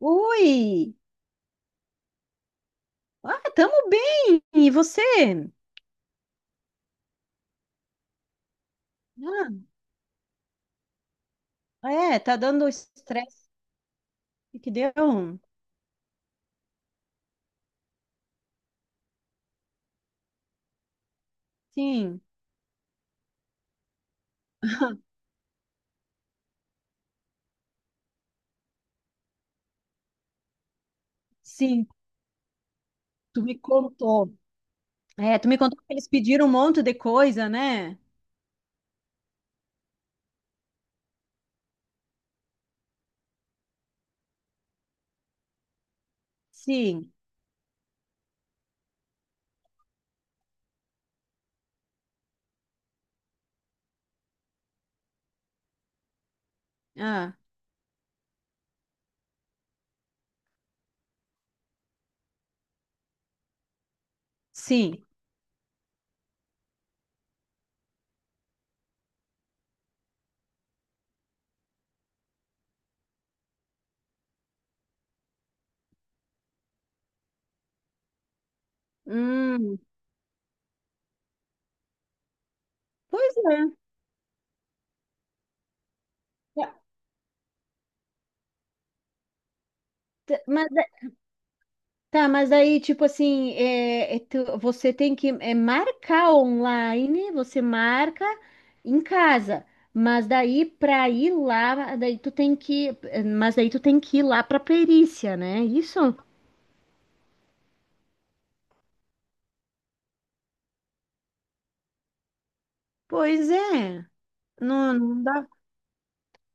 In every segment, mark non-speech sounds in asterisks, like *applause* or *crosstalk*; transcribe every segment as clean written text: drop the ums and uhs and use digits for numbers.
Oi! Ah, tamo bem! E você? Ah, é, tá dando estresse que deu? Sim, sim, tu me contou. É, tu me contou que eles pediram um monte de coisa, né? Sim, ah, sim. Hum, pois é. Mas Tá, mas aí, tipo assim, você tem que marcar online, você marca em casa, mas daí pra ir lá, daí tu tem que, mas daí tu tem que ir lá pra perícia, né? Isso? Pois é, não, não dá.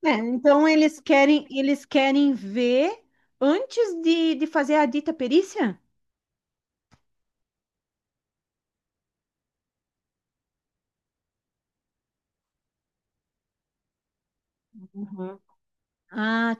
É, então eles querem ver antes de fazer a dita perícia? Uhum. Ah,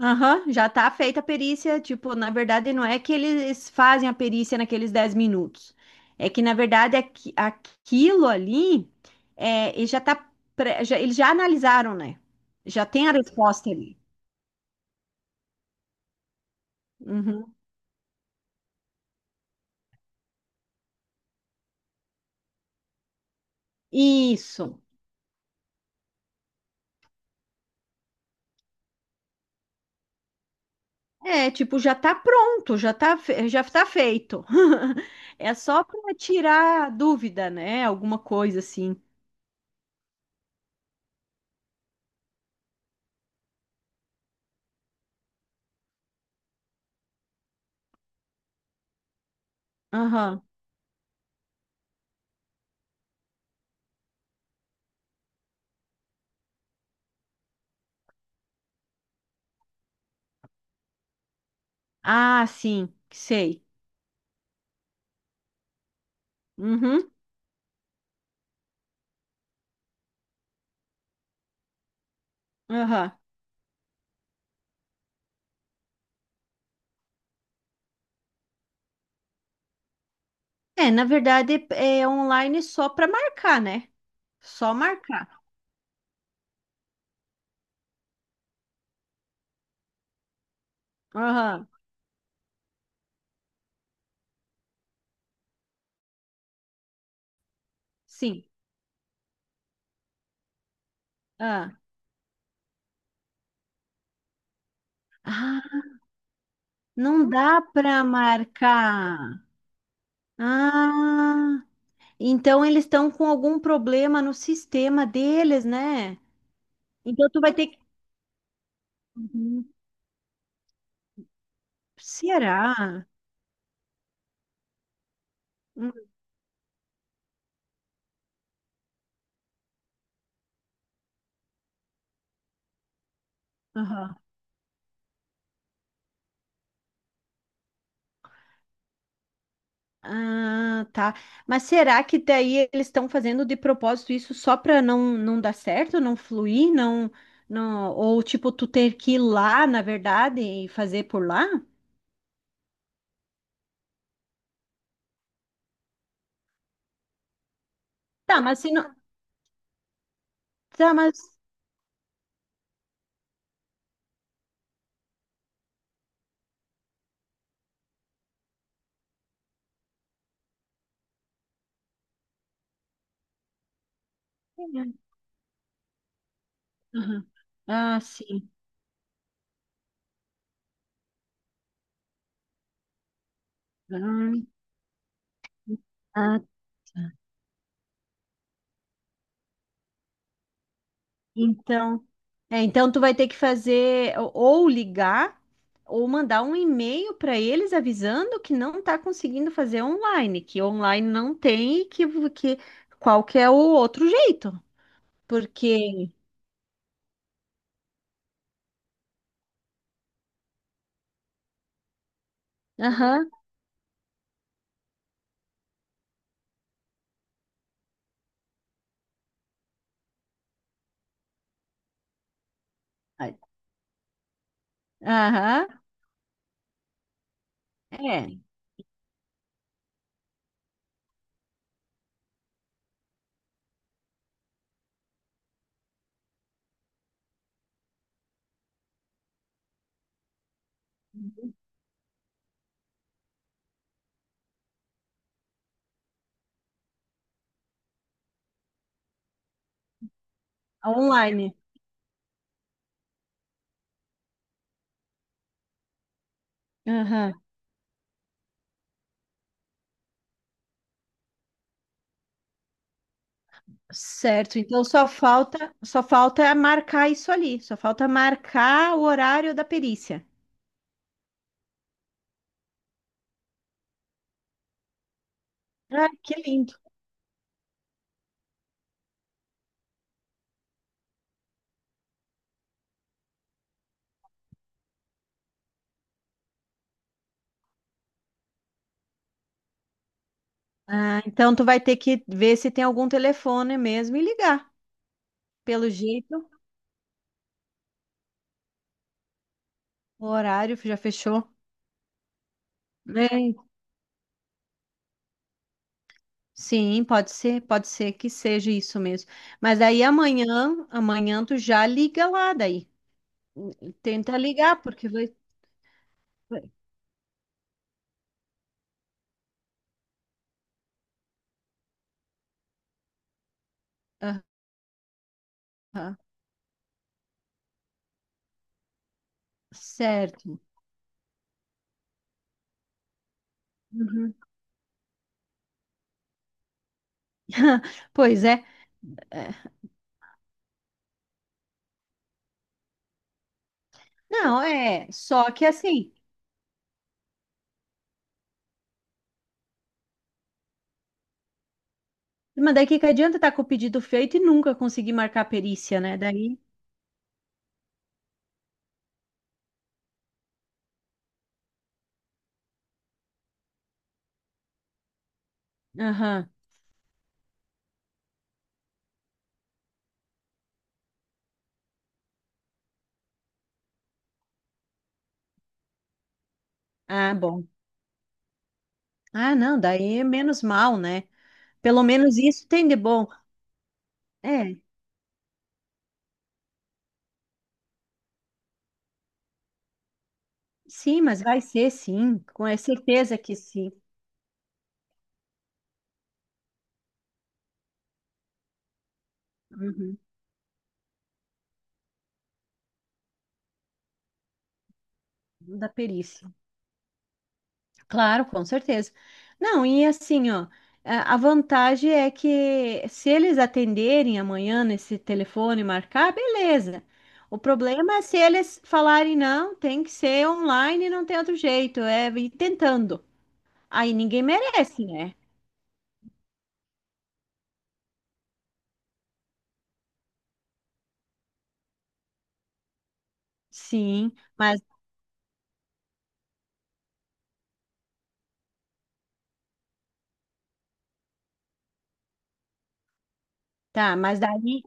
aham, já tá feita a perícia. Tipo, na verdade, não é que eles fazem a perícia naqueles 10 minutos. É que, na verdade, aquilo ali, é, ele já tá, eles já analisaram, né? Já tem a resposta ali. Uhum. Isso. É, tipo, já tá pronto, já tá feito. *laughs* É só para tirar dúvida, né? Alguma coisa assim. Aham. Ah, sim, sei. Uhum. Aham. É, na verdade é online só para marcar, né? Só marcar. Aham, sim. Ah. Ah, não dá para marcar. Ah, então eles estão com algum problema no sistema deles, né? Então tu vai ter que. Uhum. Será? Hum, Ah, tá. Mas será que daí eles estão fazendo de propósito isso só para não, não dar certo, não fluir, não, não, ou tipo tu ter que ir lá, na verdade, e fazer por lá? Tá, mas se não, tá, mas Uhum. Ah, sim. Ah, ah, tá. Então É, então tu vai ter que fazer ou ligar ou mandar um e-mail para eles avisando que não está conseguindo fazer online, que online não tem que qual que é o outro jeito. Porque, aham, aham, é, online. Aham. Certo, então só falta marcar isso ali, só falta marcar o horário da perícia. Ah, que lindo. Ah, então tu vai ter que ver se tem algum telefone mesmo e ligar. Pelo jeito, o horário já fechou. É. Pode ser que seja isso mesmo. Mas aí amanhã, amanhã tu já liga lá daí. Tenta ligar, porque vai- Aham, certo. Uhum. *laughs* Pois é. É. Não, é. Só que assim, mas daí que adianta estar com o pedido feito e nunca conseguir marcar a perícia, né? Daí. Aham. Ah, bom. Ah, não, daí é menos mal, né? Pelo menos isso tem de bom. É, sim, mas vai ser sim, com é certeza que sim. Uhum, da perícia. Claro, com certeza. Não, e assim, ó, a vantagem é que se eles atenderem amanhã nesse telefone e marcar, beleza. O problema é se eles falarem não, tem que ser online, não tem outro jeito, é ir tentando. Aí ninguém merece, né? Sim, mas tá, mas daí.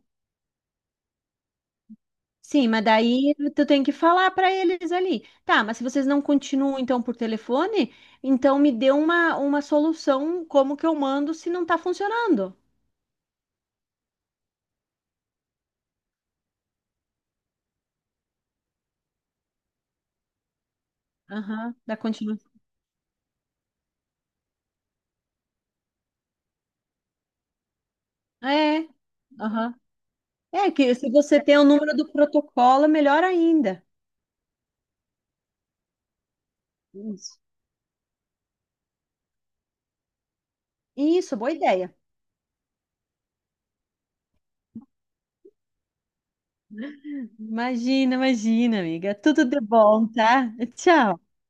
Sim, mas daí tu tem que falar para eles ali. Tá, mas se vocês não continuam então por telefone, então me dê uma solução como que eu mando se não tá funcionando. Aham, da continuação. É, aham. É que se você tem o número do protocolo, melhor ainda. Isso. Isso, boa ideia. Imagina, imagina, amiga. Tudo de bom, tá? Tchau.